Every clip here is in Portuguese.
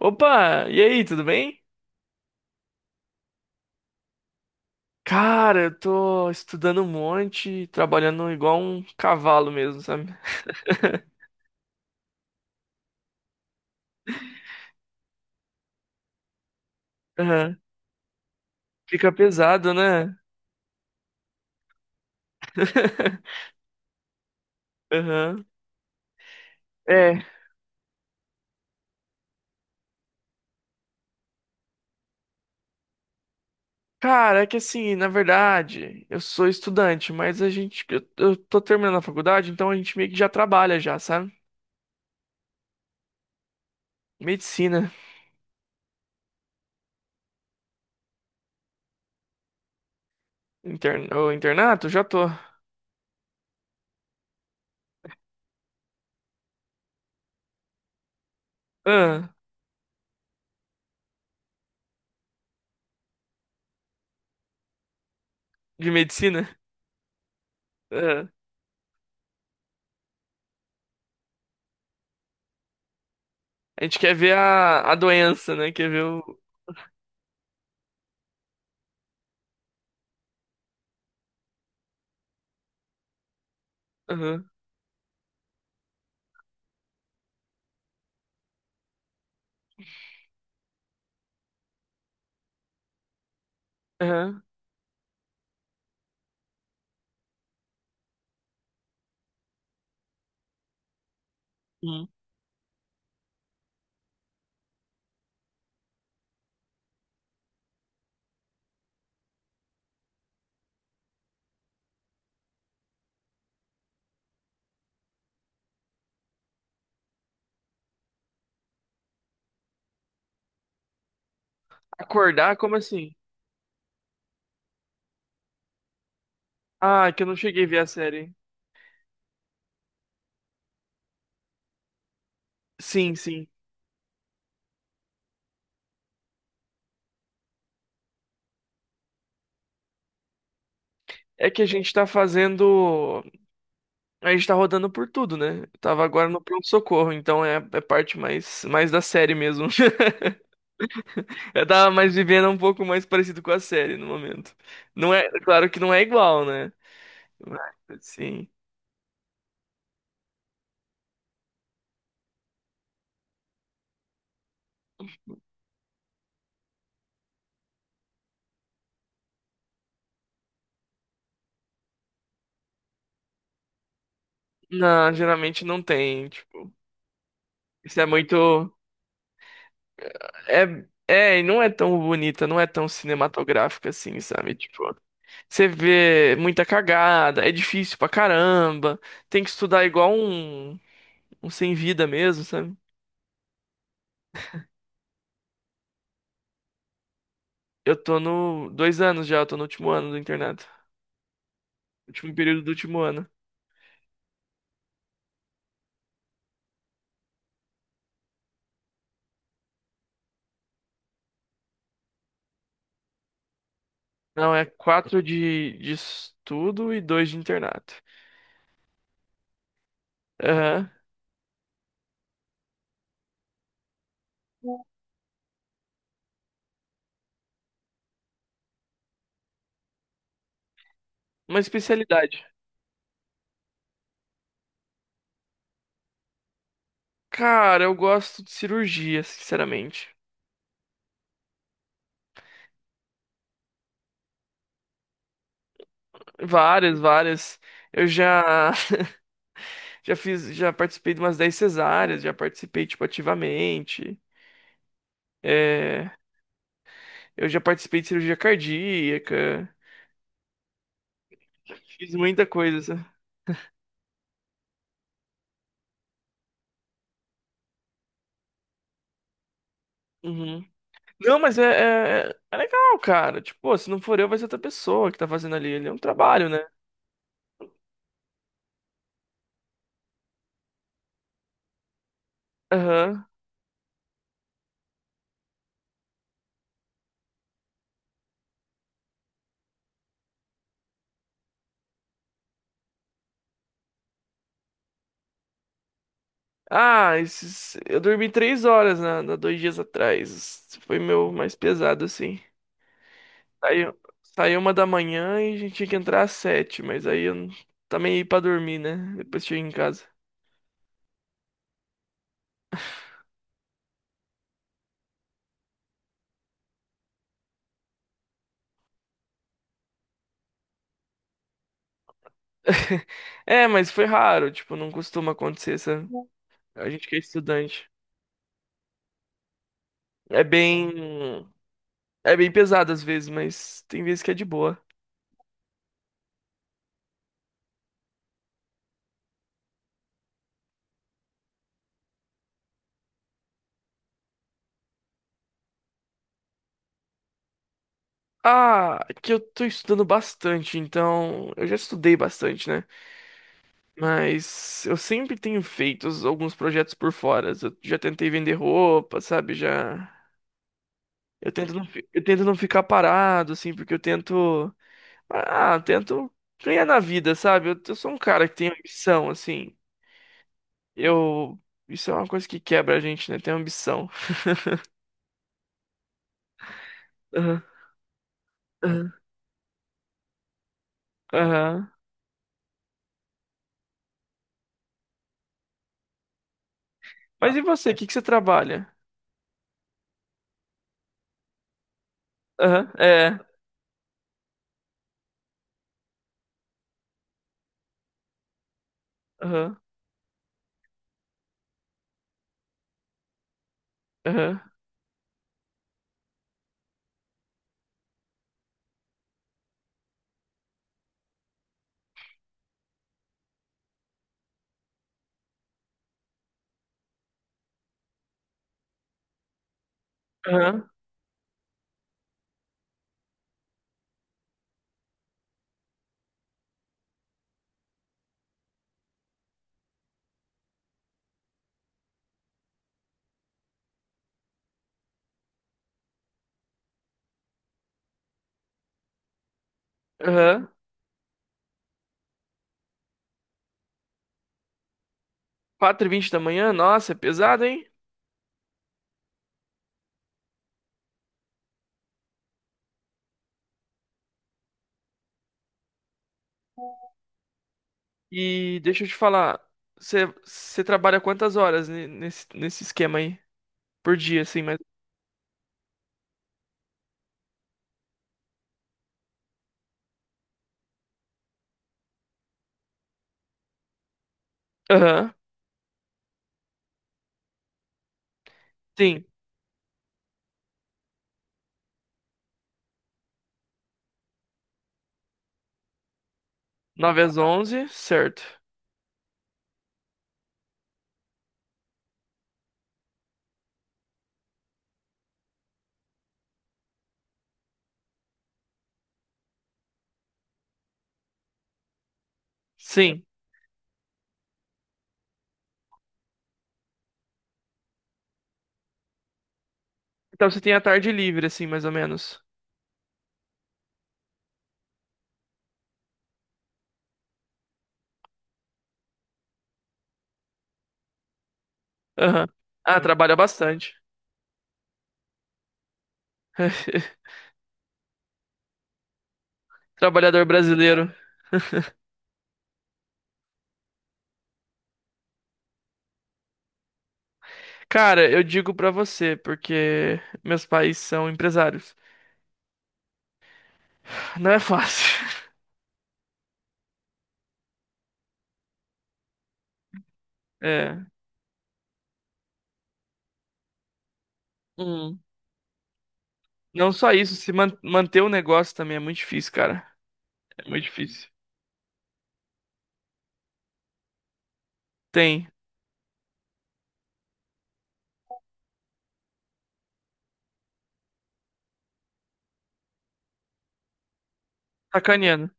Opa, e aí, tudo bem? Cara, eu tô estudando um monte, trabalhando igual um cavalo mesmo, sabe? Aham. Fica pesado, né? Aham. É. Cara, é que assim, na verdade, eu sou estudante, mas eu tô terminando a faculdade, então a gente meio que já trabalha já, sabe? Medicina, internato, já tô. Ah, de medicina? Ah. A gente quer ver a doença, né? Quer ver o. Aham, aham. Acordar? Como assim? Ah, é que eu não cheguei a ver a série. Sim, sim. É que a gente tá fazendo. A gente tá rodando por tudo, né? Eu tava agora no pronto-socorro, então é parte mais da série mesmo. Eu tava mais vivendo um pouco mais parecido com a série no momento. Não é, claro que não é igual, né? Mas, sim. Não, geralmente não tem. Tipo, isso é muito. É, e não é tão bonita, não é tão cinematográfica assim, sabe? Tipo. Você vê muita cagada, é difícil pra caramba, tem que estudar igual um sem vida mesmo, sabe? Eu tô no 2 anos já, eu tô no último ano do internato. Último período do último ano. Não, é 4 de estudo e 2 de internato. Aham. Uma especialidade. Cara, eu gosto de cirurgia, sinceramente. Várias, várias. Eu já, já fiz, já participei de umas 10 cesáreas, já participei, tipo, ativamente. É. Eu já participei de cirurgia cardíaca, fiz muita coisa. Sabe? Uhum. Não, mas é legal, cara. Tipo, pô, se não for eu, vai ser outra pessoa que tá fazendo ali. Ele é um trabalho, né? Aham. Ah, esses... eu dormi 3 horas, né? 2 dias atrás. Esse Foi meu mais pesado, assim. Saiu 1 da manhã e a gente tinha que entrar às 7, mas aí eu também ia pra dormir, né? Depois cheguei em casa. É, mas foi raro, tipo, não costuma acontecer essa. A gente que é estudante. É bem. É bem pesado às vezes, mas tem vezes que é de boa. Ah, é que eu tô estudando bastante, então eu já estudei bastante, né? Mas eu sempre tenho feito alguns projetos por fora. Eu já tentei vender roupa, sabe? Já eu tento não ficar parado assim, porque eu tento ganhar na vida, sabe? Eu sou um cara que tem ambição assim. Eu Isso é uma coisa que quebra a gente, né? Tem ambição. Aham, aham, aham. Mas e você? O que que você trabalha? Aham, é. Aham, aham, aham, aham. 4h20 da manhã? Nossa, é pesado, hein? E deixa eu te falar, você trabalha quantas horas nesse, nesse esquema aí? Por dia, assim, mas. Aham, sim. 9 às 11, certo. Sim. Então você tem a tarde livre, assim, mais ou menos. Aham. Ah, trabalha bastante. Trabalhador brasileiro. Cara, eu digo pra você, porque meus pais são empresários. Não é fácil. É. Hum. Não só isso, se manter o negócio também é muito difícil, cara. É muito difícil. Tem. Sacaneando.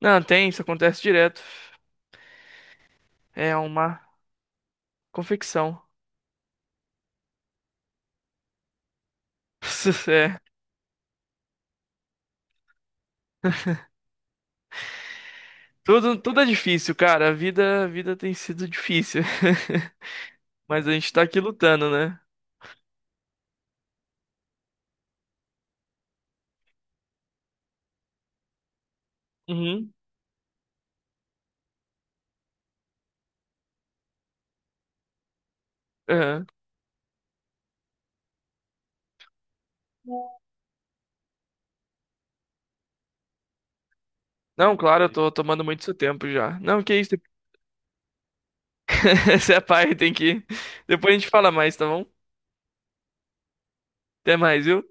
Não, tem, isso acontece direto. É uma confecção. É. Tudo, tudo é difícil, cara. A vida tem sido difícil. Mas a gente tá aqui lutando, né? Uhum. Aham. Não, claro, eu tô tomando muito seu tempo já. Não, que isso. Você é pai, tem que. Depois a gente fala mais, tá bom? Até mais, viu?